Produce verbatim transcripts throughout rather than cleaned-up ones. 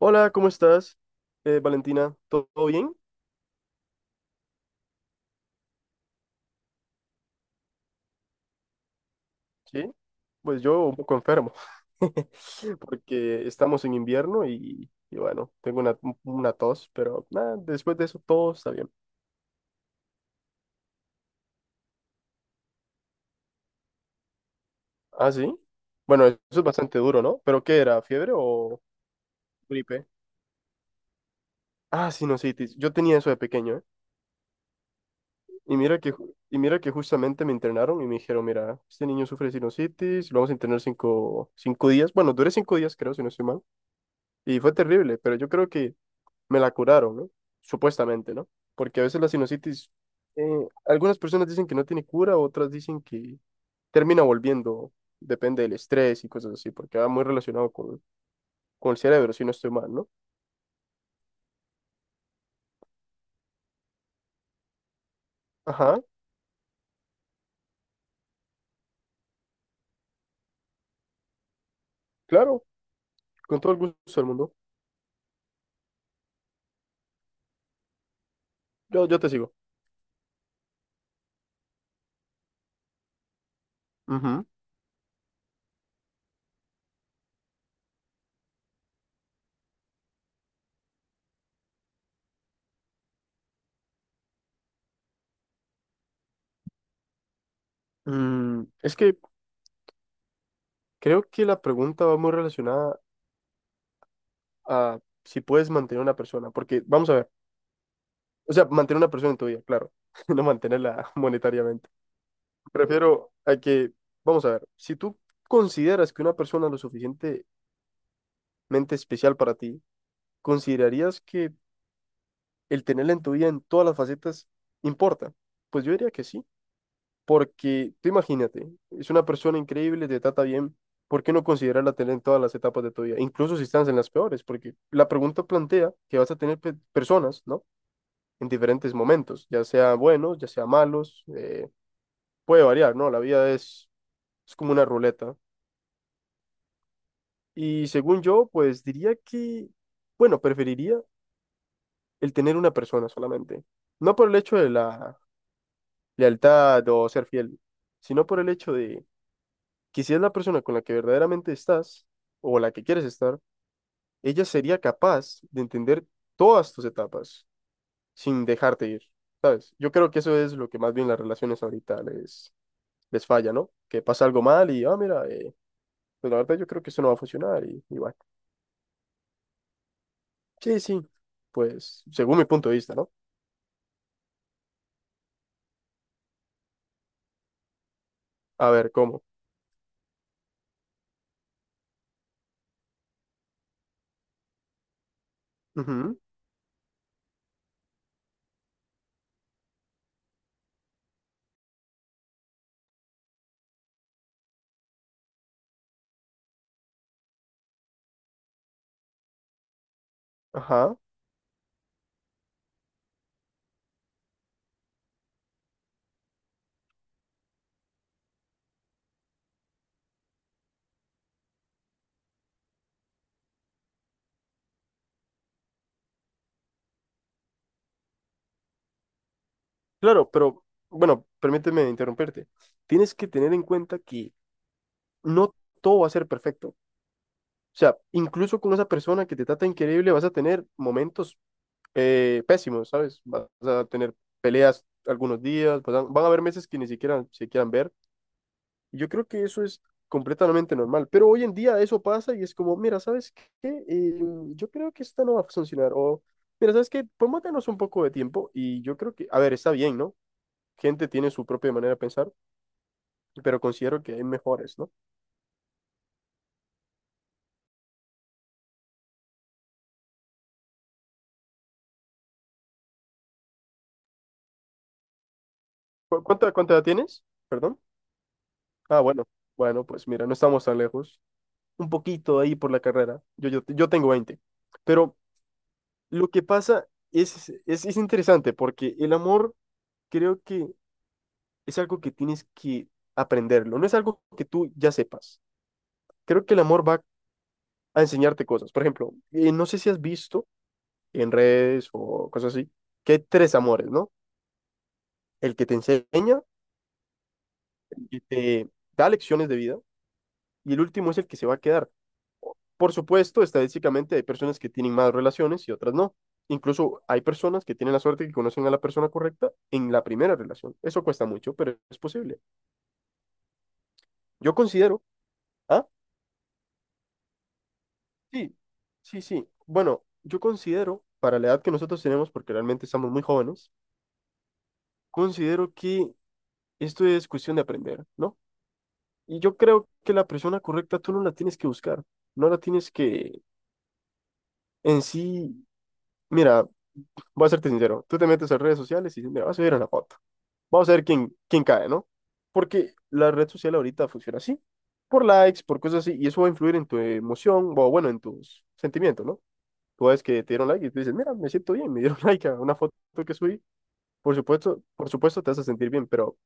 Hola, ¿cómo estás? Eh, Valentina, ¿todo todo bien? Sí, pues yo un poco enfermo, porque estamos en invierno y, y bueno, tengo una, una tos, pero nada, después de eso todo está bien. Ah, sí. Bueno, eso es bastante duro, ¿no? ¿Pero qué era? ¿Fiebre o gripe? Ah, sinusitis. Yo tenía eso de pequeño, ¿eh? Y mira que, ju- y mira que justamente me internaron y me dijeron, mira, este niño sufre sinusitis, lo vamos a internar cinco, cinco días. Bueno, duré cinco días, creo, si no estoy mal. Y fue terrible, pero yo creo que me la curaron, ¿no? Supuestamente, ¿no? Porque a veces la sinusitis, eh, algunas personas dicen que no tiene cura, otras dicen que termina volviendo, depende del estrés y cosas así, porque va muy relacionado con, con el cerebro, si no estoy mal, ¿no? Ajá, claro, con todo el gusto del mundo. Yo, yo te sigo. Ujú. Mm, es que creo que la pregunta va muy relacionada a si puedes mantener a una persona, porque vamos a ver, o sea, mantener a una persona en tu vida, claro, no mantenerla monetariamente. Prefiero a que, vamos a ver, si tú consideras que una persona es lo suficientemente especial para ti, ¿considerarías que el tenerla en tu vida en todas las facetas importa? Pues yo diría que sí, porque tú imagínate, es una persona increíble, te trata bien, ¿por qué no considerarla tener en todas las etapas de tu vida? Incluso si estás en las peores, porque la pregunta plantea que vas a tener pe- personas, ¿no? En diferentes momentos, ya sea buenos, ya sea malos, eh, puede variar, ¿no? La vida es, es como una ruleta. Y según yo, pues diría que, bueno, preferiría el tener una persona solamente. No por el hecho de la lealtad o ser fiel, sino por el hecho de que si es la persona con la que verdaderamente estás o la que quieres estar, ella sería capaz de entender todas tus etapas sin dejarte ir, ¿sabes? Yo creo que eso es lo que más bien las relaciones ahorita les, les falla, ¿no? Que pasa algo mal y, ah, mira, eh, pues la verdad yo creo que esto no va a funcionar y, y bueno. Sí, sí, pues según mi punto de vista, ¿no? A ver, ¿cómo? Ujú. Ajá. Claro, pero bueno, permíteme interrumpirte. Tienes que tener en cuenta que no todo va a ser perfecto. O sea, incluso con esa persona que te trata increíble, vas a tener momentos eh, pésimos, ¿sabes? Vas a tener peleas algunos días, vas a- van a haber meses que ni siquiera se quieran ver. Yo creo que eso es completamente normal, pero hoy en día eso pasa y es como, mira, ¿sabes qué? Eh, yo creo que esta no va a funcionar, o mira, ¿sabes qué? Podemos darnos un poco de tiempo y yo creo que, a ver, está bien, ¿no? Gente tiene su propia manera de pensar, pero considero que hay mejores, ¿no? ¿Cu- ¿Cuánta, cuánta edad tienes? Perdón. Ah, bueno, bueno, pues mira, no estamos tan lejos, un poquito ahí por la carrera, yo, yo, yo tengo veinte, pero lo que pasa es, es, es interesante porque el amor creo que es algo que tienes que aprenderlo, no es algo que tú ya sepas. Creo que el amor va a enseñarte cosas. Por ejemplo, eh, no sé si has visto en redes o cosas así, que hay tres amores, ¿no? El que te enseña, el que te da lecciones de vida y el último es el que se va a quedar. Por supuesto, estadísticamente hay personas que tienen más relaciones y otras no. Incluso hay personas que tienen la suerte que conocen a la persona correcta en la primera relación. Eso cuesta mucho, pero es posible. Yo considero, ¿ah? Sí, sí, sí. Bueno, yo considero, para la edad que nosotros tenemos, porque realmente estamos muy jóvenes, considero que esto es cuestión de aprender, ¿no? Y yo creo que la persona correcta tú no la tienes que buscar, no la tienes que en sí, mira, voy a serte sincero, tú te metes a redes sociales y dices, mira, vas a subir una foto, vamos a ver quién, quién cae, ¿no? Porque la red social ahorita funciona así, por likes, por cosas así, y eso va a influir en tu emoción, o bueno, en tus sentimientos, ¿no? Tú ves que te dieron like y tú dices, mira, me siento bien, me dieron like a una foto que subí. Por supuesto, por supuesto te hace sentir bien, pero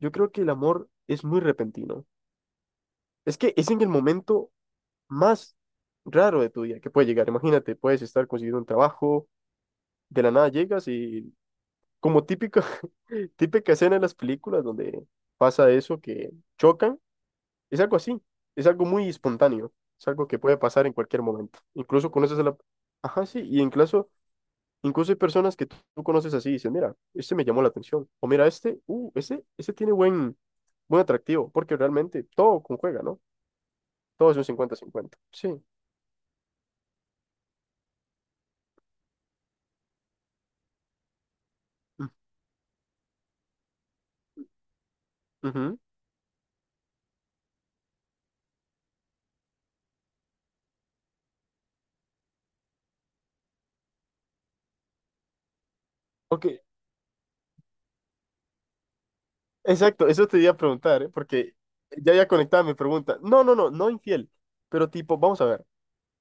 yo creo que el amor es muy repentino. Es que es en el momento más raro de tu día que puede llegar. Imagínate, puedes estar consiguiendo un trabajo, de la nada llegas y como típica, típica escena de las películas donde pasa eso, que chocan, es algo así, es algo muy espontáneo, es algo que puede pasar en cualquier momento. Incluso conoces a la. Ajá, sí, y incluso Incluso hay personas que tú, tú conoces así y dices, mira, este me llamó la atención. O mira, este, uh, ese, ese tiene buen, buen atractivo, porque realmente todo conjuga, ¿no? Todo es un cincuenta-cincuenta. Sí. Mm, ujú. Ok, exacto, eso te iba a preguntar, ¿eh? Porque ya ya conectado mi pregunta. No, no, no, no infiel. Pero tipo, vamos a ver,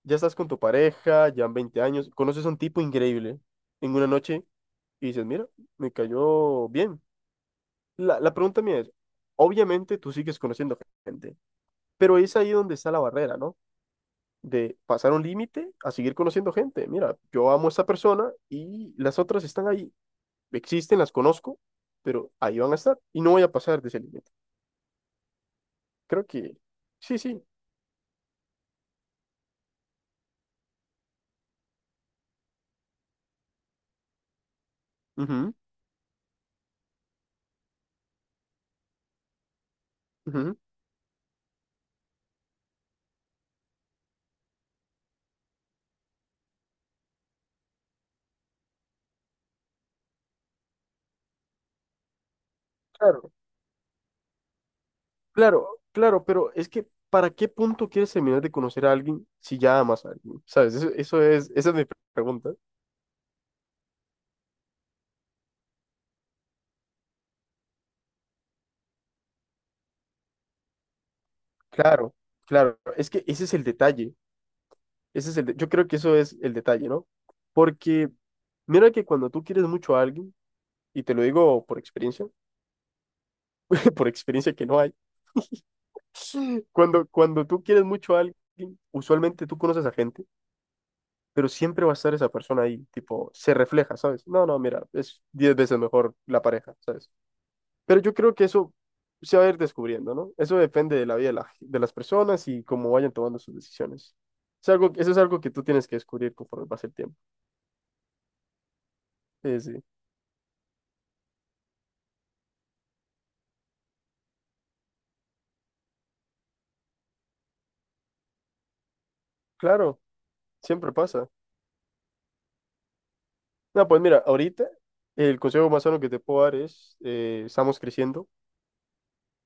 ya estás con tu pareja, ya han veinte años, conoces a un tipo increíble en una noche y dices, mira, me cayó bien. La, la pregunta mía es, obviamente tú sigues conociendo gente. Pero es ahí donde está la barrera, ¿no? De pasar un límite a seguir conociendo gente. Mira, yo amo a esta persona y las otras están ahí. Existen, las conozco, pero ahí van a estar y no voy a pasar de ese límite. Creo que sí, sí. Ujú, ujú. Claro, claro, claro, pero es que ¿para qué punto quieres terminar de conocer a alguien si ya amas a alguien? ¿Sabes? Eso, eso es, esa es mi pregunta. Claro, claro. Es que ese es el detalle. Ese es el de- yo creo que eso es el detalle, ¿no? Porque mira que cuando tú quieres mucho a alguien, y te lo digo por experiencia, por experiencia que no hay, cuando, cuando tú quieres mucho a alguien, usualmente tú conoces a gente, pero siempre va a estar esa persona ahí, tipo, se refleja, ¿sabes? No, no, mira, es diez veces mejor la pareja, ¿sabes? Pero yo creo que eso se va a ir descubriendo, ¿no? Eso depende de la vida de, la- de las personas y cómo vayan tomando sus decisiones. Es algo, eso es algo que tú tienes que descubrir conforme pasa el tiempo. Sí, sí. Claro. Siempre pasa. No, pues mira, ahorita el consejo más sano que te puedo dar es, eh, estamos creciendo,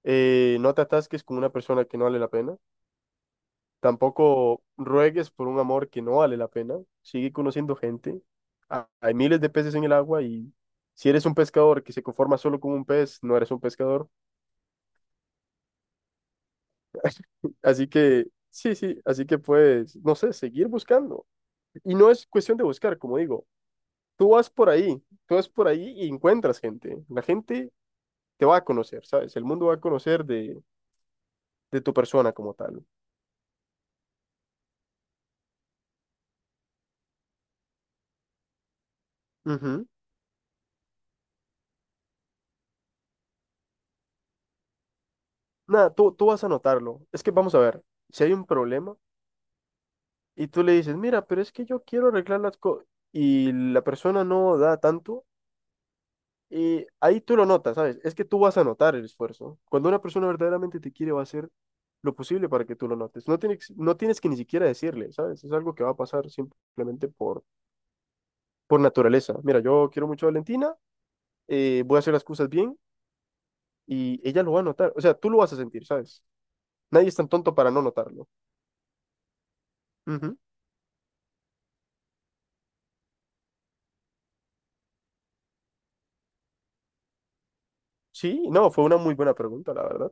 eh, no te atasques con una persona que no vale la pena, tampoco ruegues por un amor que no vale la pena, sigue conociendo gente. Ha- hay miles de peces en el agua y si eres un pescador que se conforma solo con un pez, no eres un pescador. Así que, sí, sí, así que puedes, no sé, seguir buscando. Y no es cuestión de buscar, como digo, tú vas por ahí, tú vas por ahí y encuentras gente. La gente te va a conocer, ¿sabes? El mundo va a conocer de, de tu persona como tal. Ujú. Nada, tú, tú vas a notarlo. Es que vamos a ver, si hay un problema y tú le dices, mira, pero es que yo quiero arreglar las cosas y la persona no da tanto, y ahí tú lo notas, ¿sabes? Es que tú vas a notar el esfuerzo. Cuando una persona verdaderamente te quiere, va a hacer lo posible para que tú lo notes. No tienes, no tienes que ni siquiera decirle, ¿sabes? Es algo que va a pasar simplemente por, por naturaleza. Mira, yo quiero mucho a Valentina, eh, voy a hacer las cosas bien y ella lo va a notar. O sea, tú lo vas a sentir, ¿sabes? Nadie es tan tonto para no notarlo. Ujú. Sí, no, fue una muy buena pregunta, la verdad.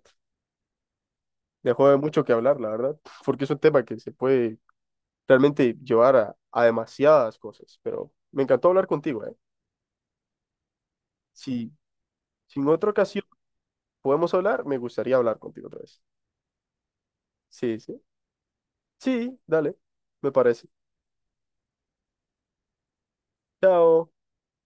Dejó de mucho que hablar, la verdad, porque es un tema que se puede realmente llevar a, a demasiadas cosas, pero me encantó hablar contigo, ¿eh? Si, si, en otra ocasión podemos hablar, me gustaría hablar contigo otra vez. Sí, sí. Sí, dale, me parece. Chao.